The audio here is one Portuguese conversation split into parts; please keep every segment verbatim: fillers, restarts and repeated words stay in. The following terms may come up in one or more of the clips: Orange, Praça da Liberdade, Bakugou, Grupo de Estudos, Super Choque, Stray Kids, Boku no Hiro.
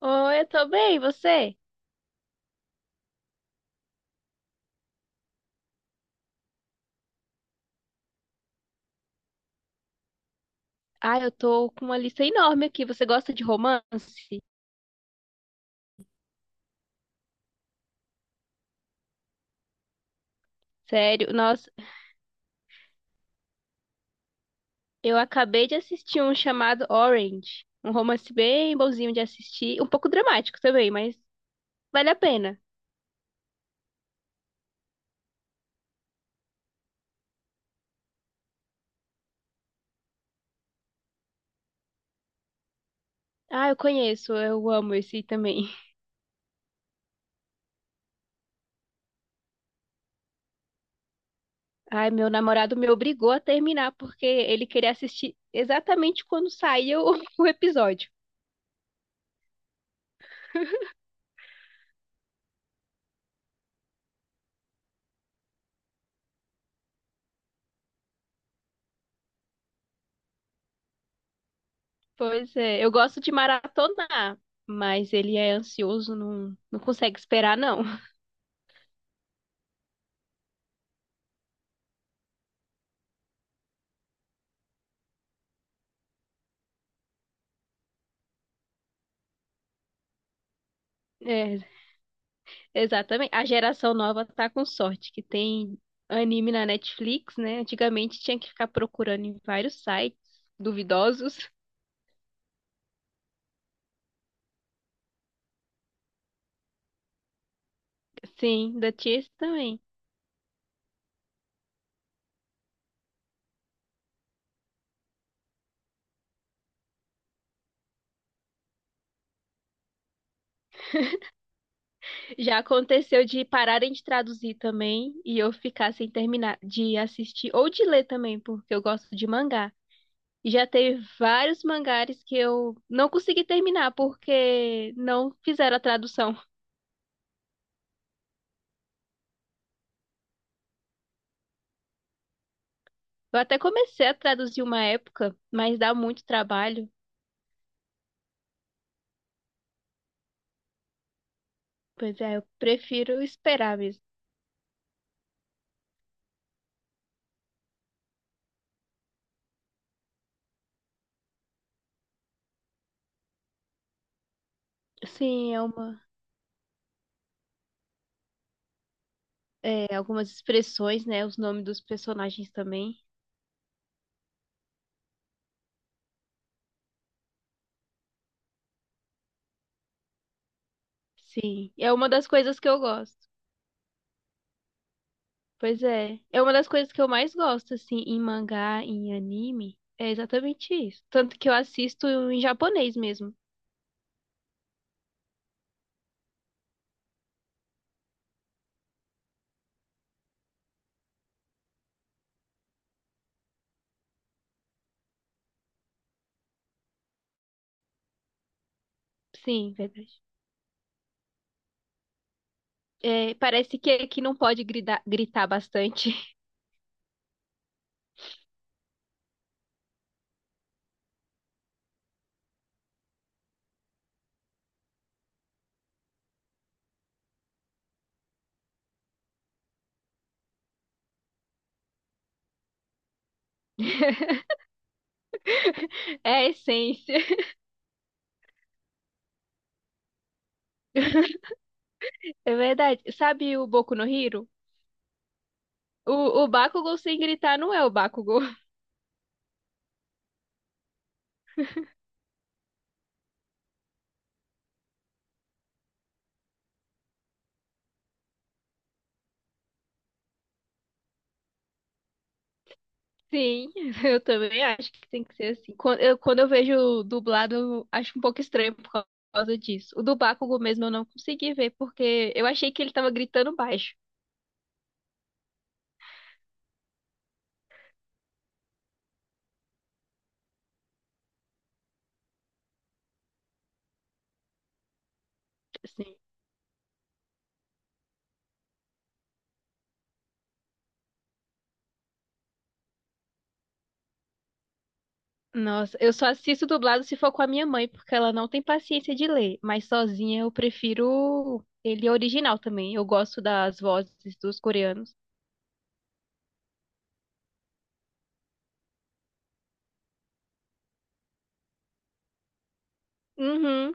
Oi, eu tô bem, e você? Ah, eu tô com uma lista enorme aqui. Você gosta de romance? Sério? Nossa, eu acabei de assistir um chamado Orange. Um romance bem bonzinho de assistir. Um pouco dramático também, mas vale a pena. Ah, eu conheço, eu amo esse também. Ai, meu namorado me obrigou a terminar porque ele queria assistir exatamente quando saía o o episódio. Pois é, eu gosto de maratonar, mas ele é ansioso, não, não consegue esperar, não. É, exatamente. A geração nova tá com sorte, que tem anime na Netflix, né? Antigamente tinha que ficar procurando em vários sites duvidosos. Sim, ainda tinha esse também. Já aconteceu de pararem de traduzir também e eu ficar sem terminar de assistir ou de ler também, porque eu gosto de mangá. E já teve vários mangares que eu não consegui terminar porque não fizeram a tradução. Eu até comecei a traduzir uma época, mas dá muito trabalho. Pois é, eu prefiro esperar mesmo. Sim, é uma. É, algumas expressões, né? Os nomes dos personagens também. Sim, é uma das coisas que eu gosto. Pois é, é uma das coisas que eu mais gosto, assim, em mangá, em anime. É exatamente isso. Tanto que eu assisto em japonês mesmo. Sim, verdade. É, parece que aqui não pode gritar, gritar bastante. É a essência. É verdade. Sabe o Boku no Hiro? O, o Bakugou sem gritar não é o Bakugou. Sim, eu também acho que tem que ser assim. Quando eu, quando eu vejo dublado, eu acho um pouco estranho por causa disso. O do Bakugo mesmo eu não consegui ver, porque eu achei que ele tava gritando baixo, assim. Nossa, eu só assisto dublado se for com a minha mãe, porque ela não tem paciência de ler. Mas sozinha eu prefiro ele original também. Eu gosto das vozes dos coreanos. Uhum,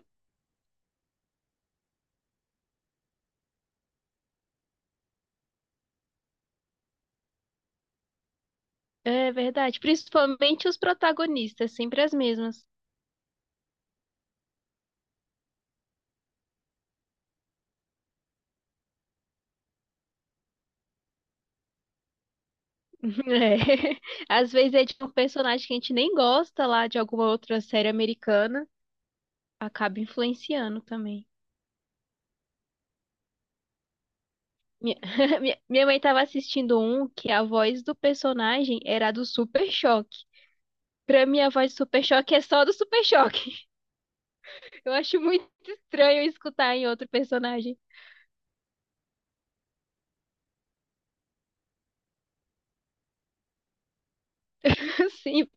é verdade. Principalmente os protagonistas, sempre as mesmas. É. Às vezes é de um personagem que a gente nem gosta lá de alguma outra série americana, acaba influenciando também. Minha, minha minha mãe tava assistindo um que a voz do personagem era a do Super Choque. Pra mim, a voz do Super Choque é só do Super Choque. Eu acho muito estranho escutar em outro personagem. Assim,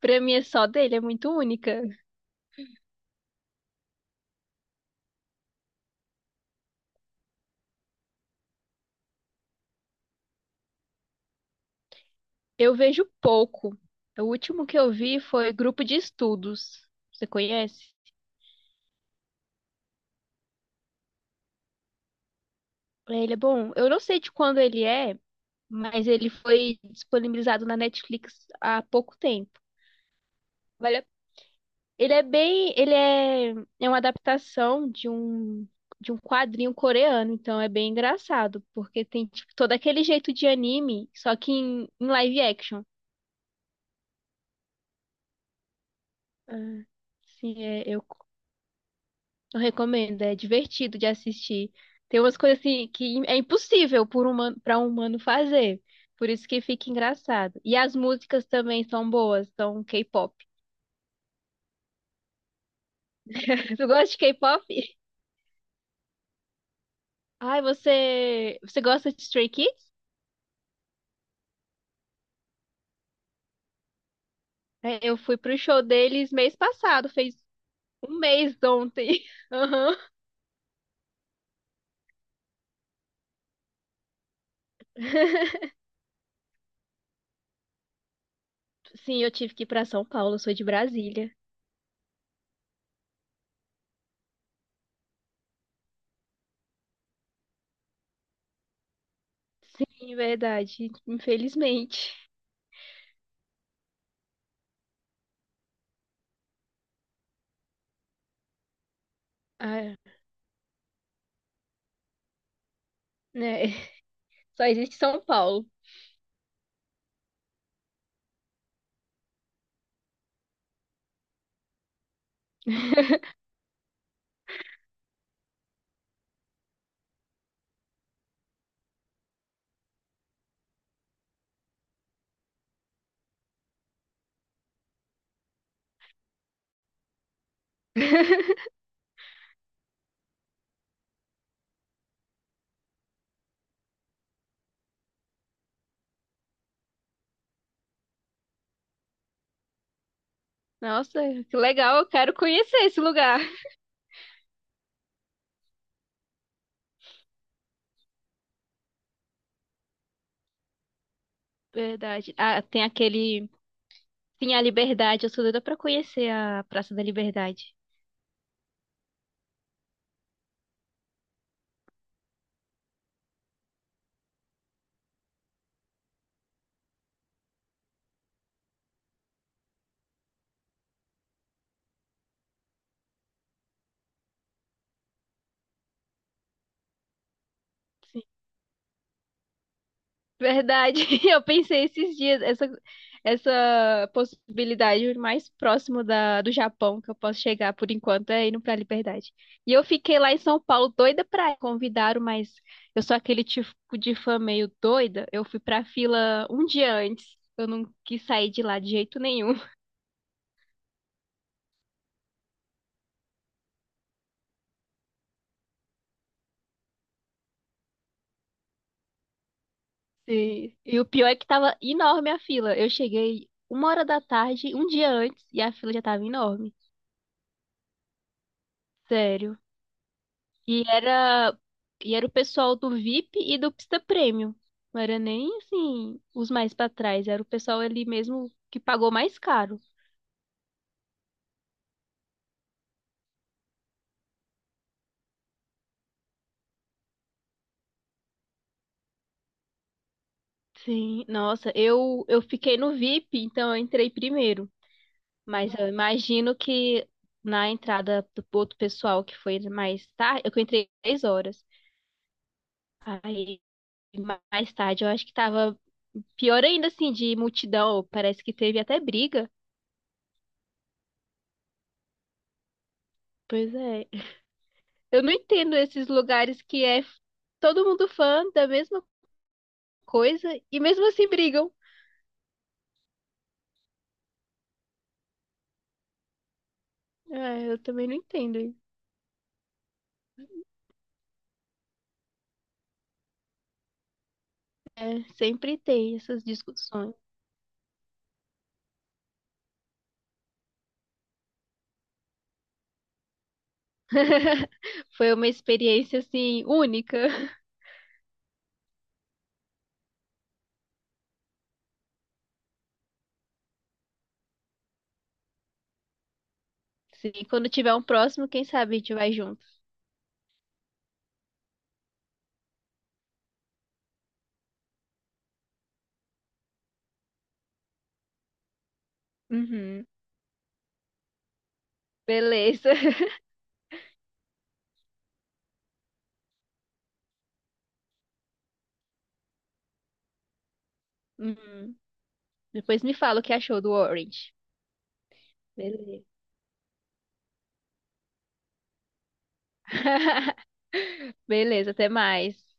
pra mim é só dele, é muito única. Eu vejo pouco. O último que eu vi foi Grupo de Estudos. Você conhece? É, ele é bom. Eu não sei de quando ele é, mas ele foi disponibilizado na Netflix há pouco tempo. Vale a- Ele é bem, ele é, é uma adaptação de um de um quadrinho coreano, então é bem engraçado, porque tem tipo, todo aquele jeito de anime, só que em, em live action. Ah, sim, é, eu, eu recomendo, é divertido de assistir. Tem umas coisas assim que é impossível por humano, para um humano fazer. Por isso que fica engraçado. E as músicas também são boas, são K-pop. Tu gosta de K-pop? Ai, você, você gosta de Stray Kids? É, eu fui pro show deles mês passado, fez um mês ontem. Aham. Sim, eu tive que ir pra São Paulo, eu sou de Brasília. Sim, verdade, infelizmente. Ah, né? Só existe São Paulo. Nossa, que legal, eu quero conhecer esse lugar. Verdade. Ah, tem aquele Sim, a Liberdade. Eu sou doida pra conhecer a Praça da Liberdade. Verdade. Eu pensei esses dias, essa, essa possibilidade o mais próximo da, do Japão que eu posso chegar por enquanto é indo pra Liberdade. E eu fiquei lá em São Paulo doida pra ir. Convidaram, mas eu sou aquele tipo de fã meio doida. Eu fui pra fila um dia antes. Eu não quis sair de lá de jeito nenhum. E, e o pior é que tava enorme a fila. Eu cheguei uma hora da tarde, um dia antes, e a fila já tava enorme. Sério. E era, e era o pessoal do V I P e do Pista Premium. Não era nem assim os mais pra trás, era o pessoal ali mesmo que pagou mais caro. Sim, nossa, eu eu fiquei no V I P, então eu entrei primeiro, mas eu imagino que na entrada do outro pessoal que foi mais tarde, eu que entrei dez horas. Aí mais tarde eu acho que tava pior ainda assim de multidão, parece que teve até briga. Pois é, eu não entendo esses lugares que é f- todo mundo fã da mesma coisa e mesmo assim brigam. Ah, eu também não entendo isso. É, sempre tem essas discussões. Foi uma experiência assim única. Sim, quando tiver um próximo, quem sabe a gente vai junto. Uhum. Beleza. Uhum. Depois me fala o que achou do Orange. Beleza. Beleza, até mais.